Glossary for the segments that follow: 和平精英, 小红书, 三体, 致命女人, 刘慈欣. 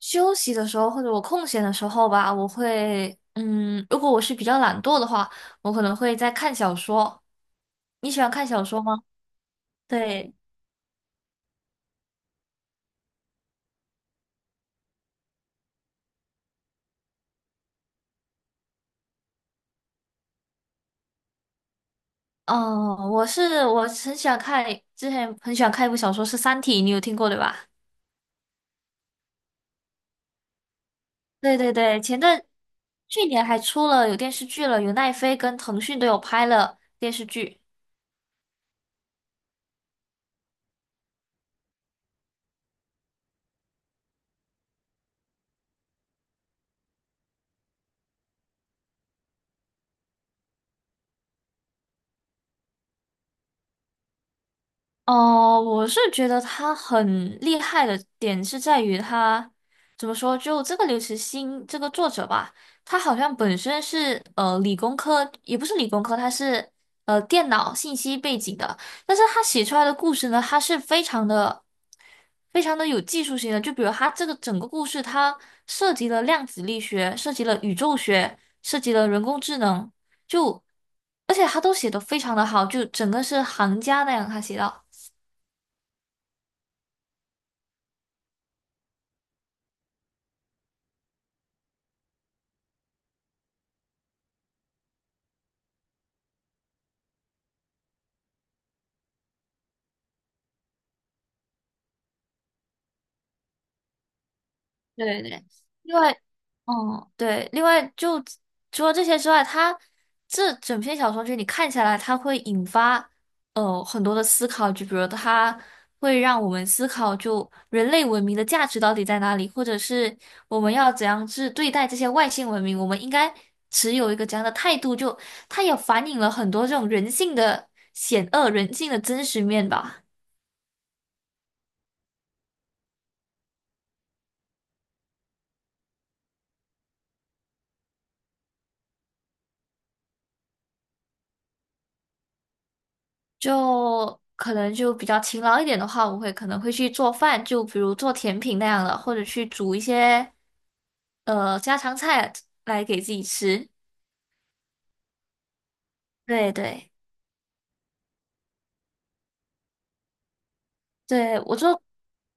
休息的时候或者我空闲的时候吧，我会，如果我是比较懒惰的话，我可能会在看小说。你喜欢看小说吗？对，哦，我很喜欢看，之前很喜欢看一部小说是《三体》，你有听过对吧？对对对，去年还出了有电视剧了，有奈飞跟腾讯都有拍了电视剧。哦，我是觉得他很厉害的点是在于他怎么说，就这个刘慈欣这个作者吧，他好像本身是理工科，也不是理工科，他是电脑信息背景的，但是他写出来的故事呢，他是非常的有技术性的，就比如他这个整个故事，它涉及了量子力学，涉及了宇宙学，涉及了人工智能，就而且他都写得非常的好，就整个是行家那样他写到。对对对，另外，对，另外就除了这些之外，它这整篇小说就你看下来，它会引发很多的思考，就比如它会让我们思考，就人类文明的价值到底在哪里，或者是我们要怎样去对待这些外星文明，我们应该持有一个怎样的态度，就它也反映了很多这种人性的险恶、人性的真实面吧。就可能就比较勤劳一点的话，我会可能会去做饭，就比如做甜品那样的，或者去煮一些家常菜来给自己吃。对对对，我做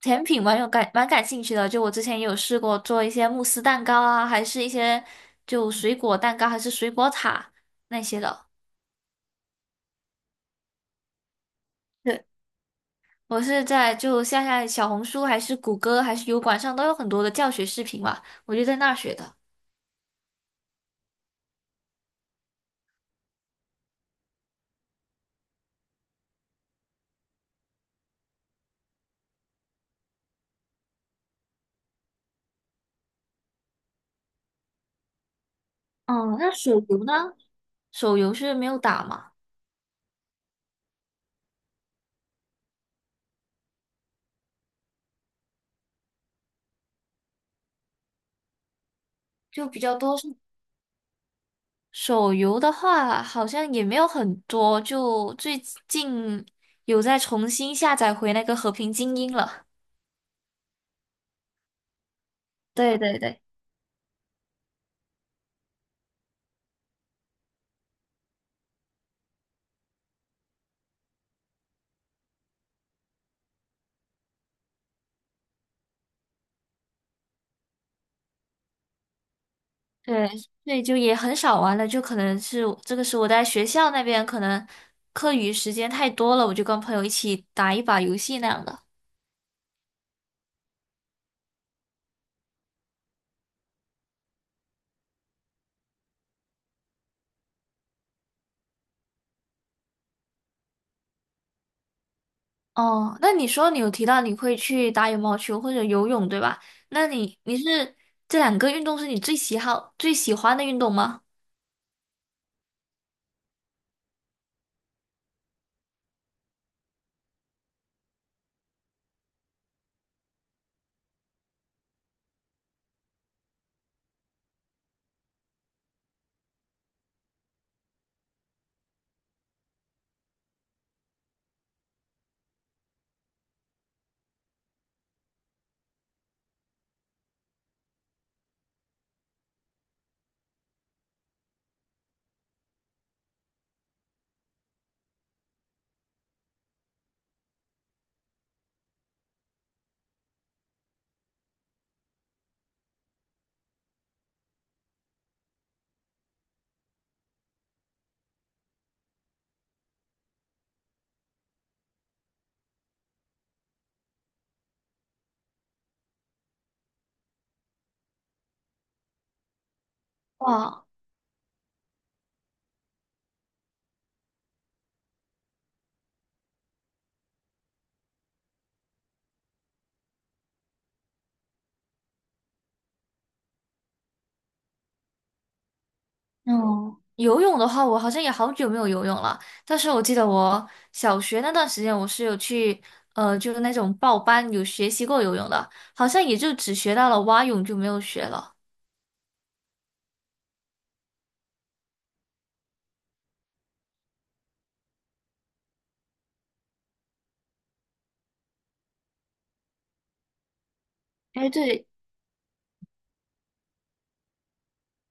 甜品蛮感兴趣的，就我之前也有试过做一些慕斯蛋糕啊，还是一些就水果蛋糕，还是水果塔那些的。对，我是在就现在小红书，还是谷歌，还是油管上都有很多的教学视频嘛，我就在那儿学的。哦，那水壶呢？手游是没有打嘛，就比较多是。手游的话，好像也没有很多，就最近有在重新下载回那个《和平精英》了。对对对，对，对，就也很少玩了，就可能是这个是我在学校那边，可能课余时间太多了，我就跟朋友一起打一把游戏那样的。哦，那你说你有提到你会去打羽毛球或者游泳，对吧？那你是这两个运动是你最喜欢的运动吗？哇嗯，游泳的话，我好像也好久没有游泳了。但是我记得我小学那段时间，我是有去，就是那种报班有学习过游泳的，好像也就只学到了蛙泳，就没有学了。哎，对，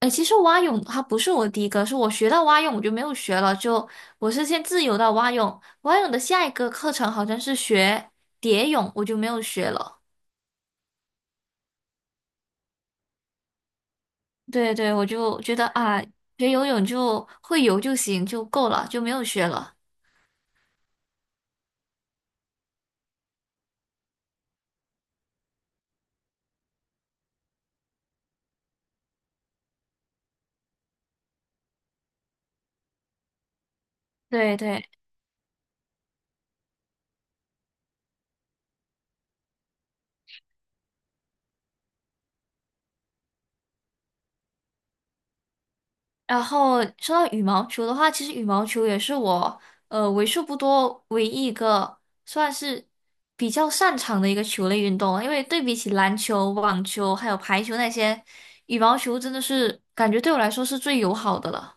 哎，其实蛙泳它不是我第一个，是我学到蛙泳我就没有学了，就我是先自由到蛙泳，蛙泳的下一个课程好像是学蝶泳，我就没有学了。对对，我就觉得啊，学游泳就会游就行，就够了，就没有学了。对对。然后说到羽毛球的话，其实羽毛球也是我为数不多唯一一个算是比较擅长的一个球类运动，因为对比起篮球、网球还有排球那些，羽毛球真的是感觉对我来说是最友好的了。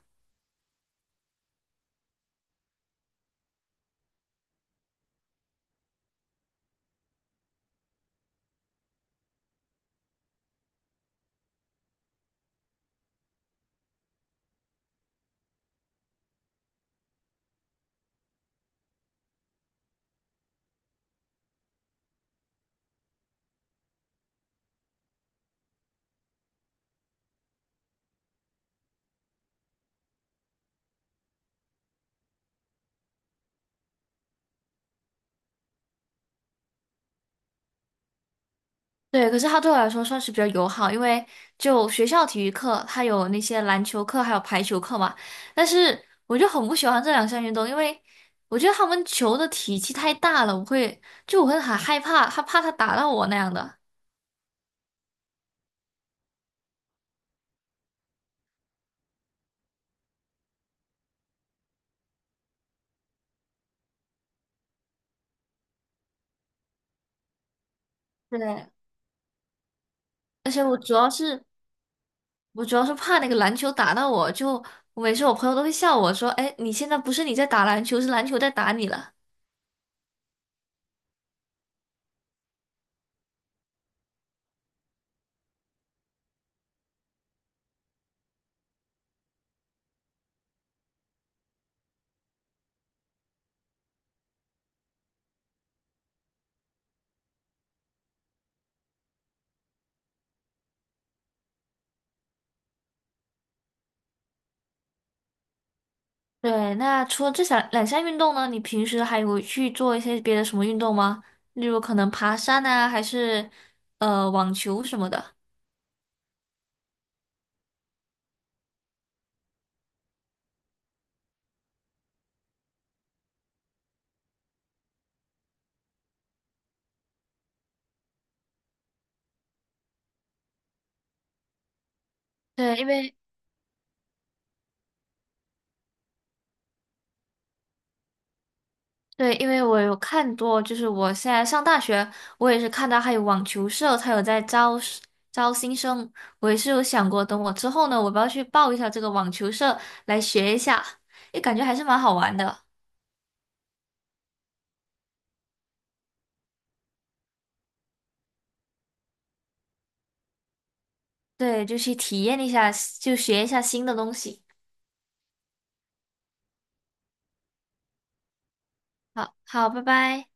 对，可是他对我来说算是比较友好，因为就学校体育课，他有那些篮球课，还有排球课嘛。但是我就很不喜欢这两项运动，因为我觉得他们球的体积太大了，我会很害怕，怕他打到我那样的。对，而且我主要是怕那个篮球打到我，就我每次我朋友都会笑我说："哎，你现在不是你在打篮球，是篮球在打你了。"对，那除了这项两项运动呢，你平时还有去做一些别的什么运动吗？例如可能爬山啊，还是网球什么的。对，因为对,因为我有看多，就是我现在上大学，我也是看到还有网球社，它有在招新生，我也是有想过，等我之后呢，我要不要去报一下这个网球社来学一下，也感觉还是蛮好玩的。对，就去体验一下，就学一下新的东西。好，好，拜拜。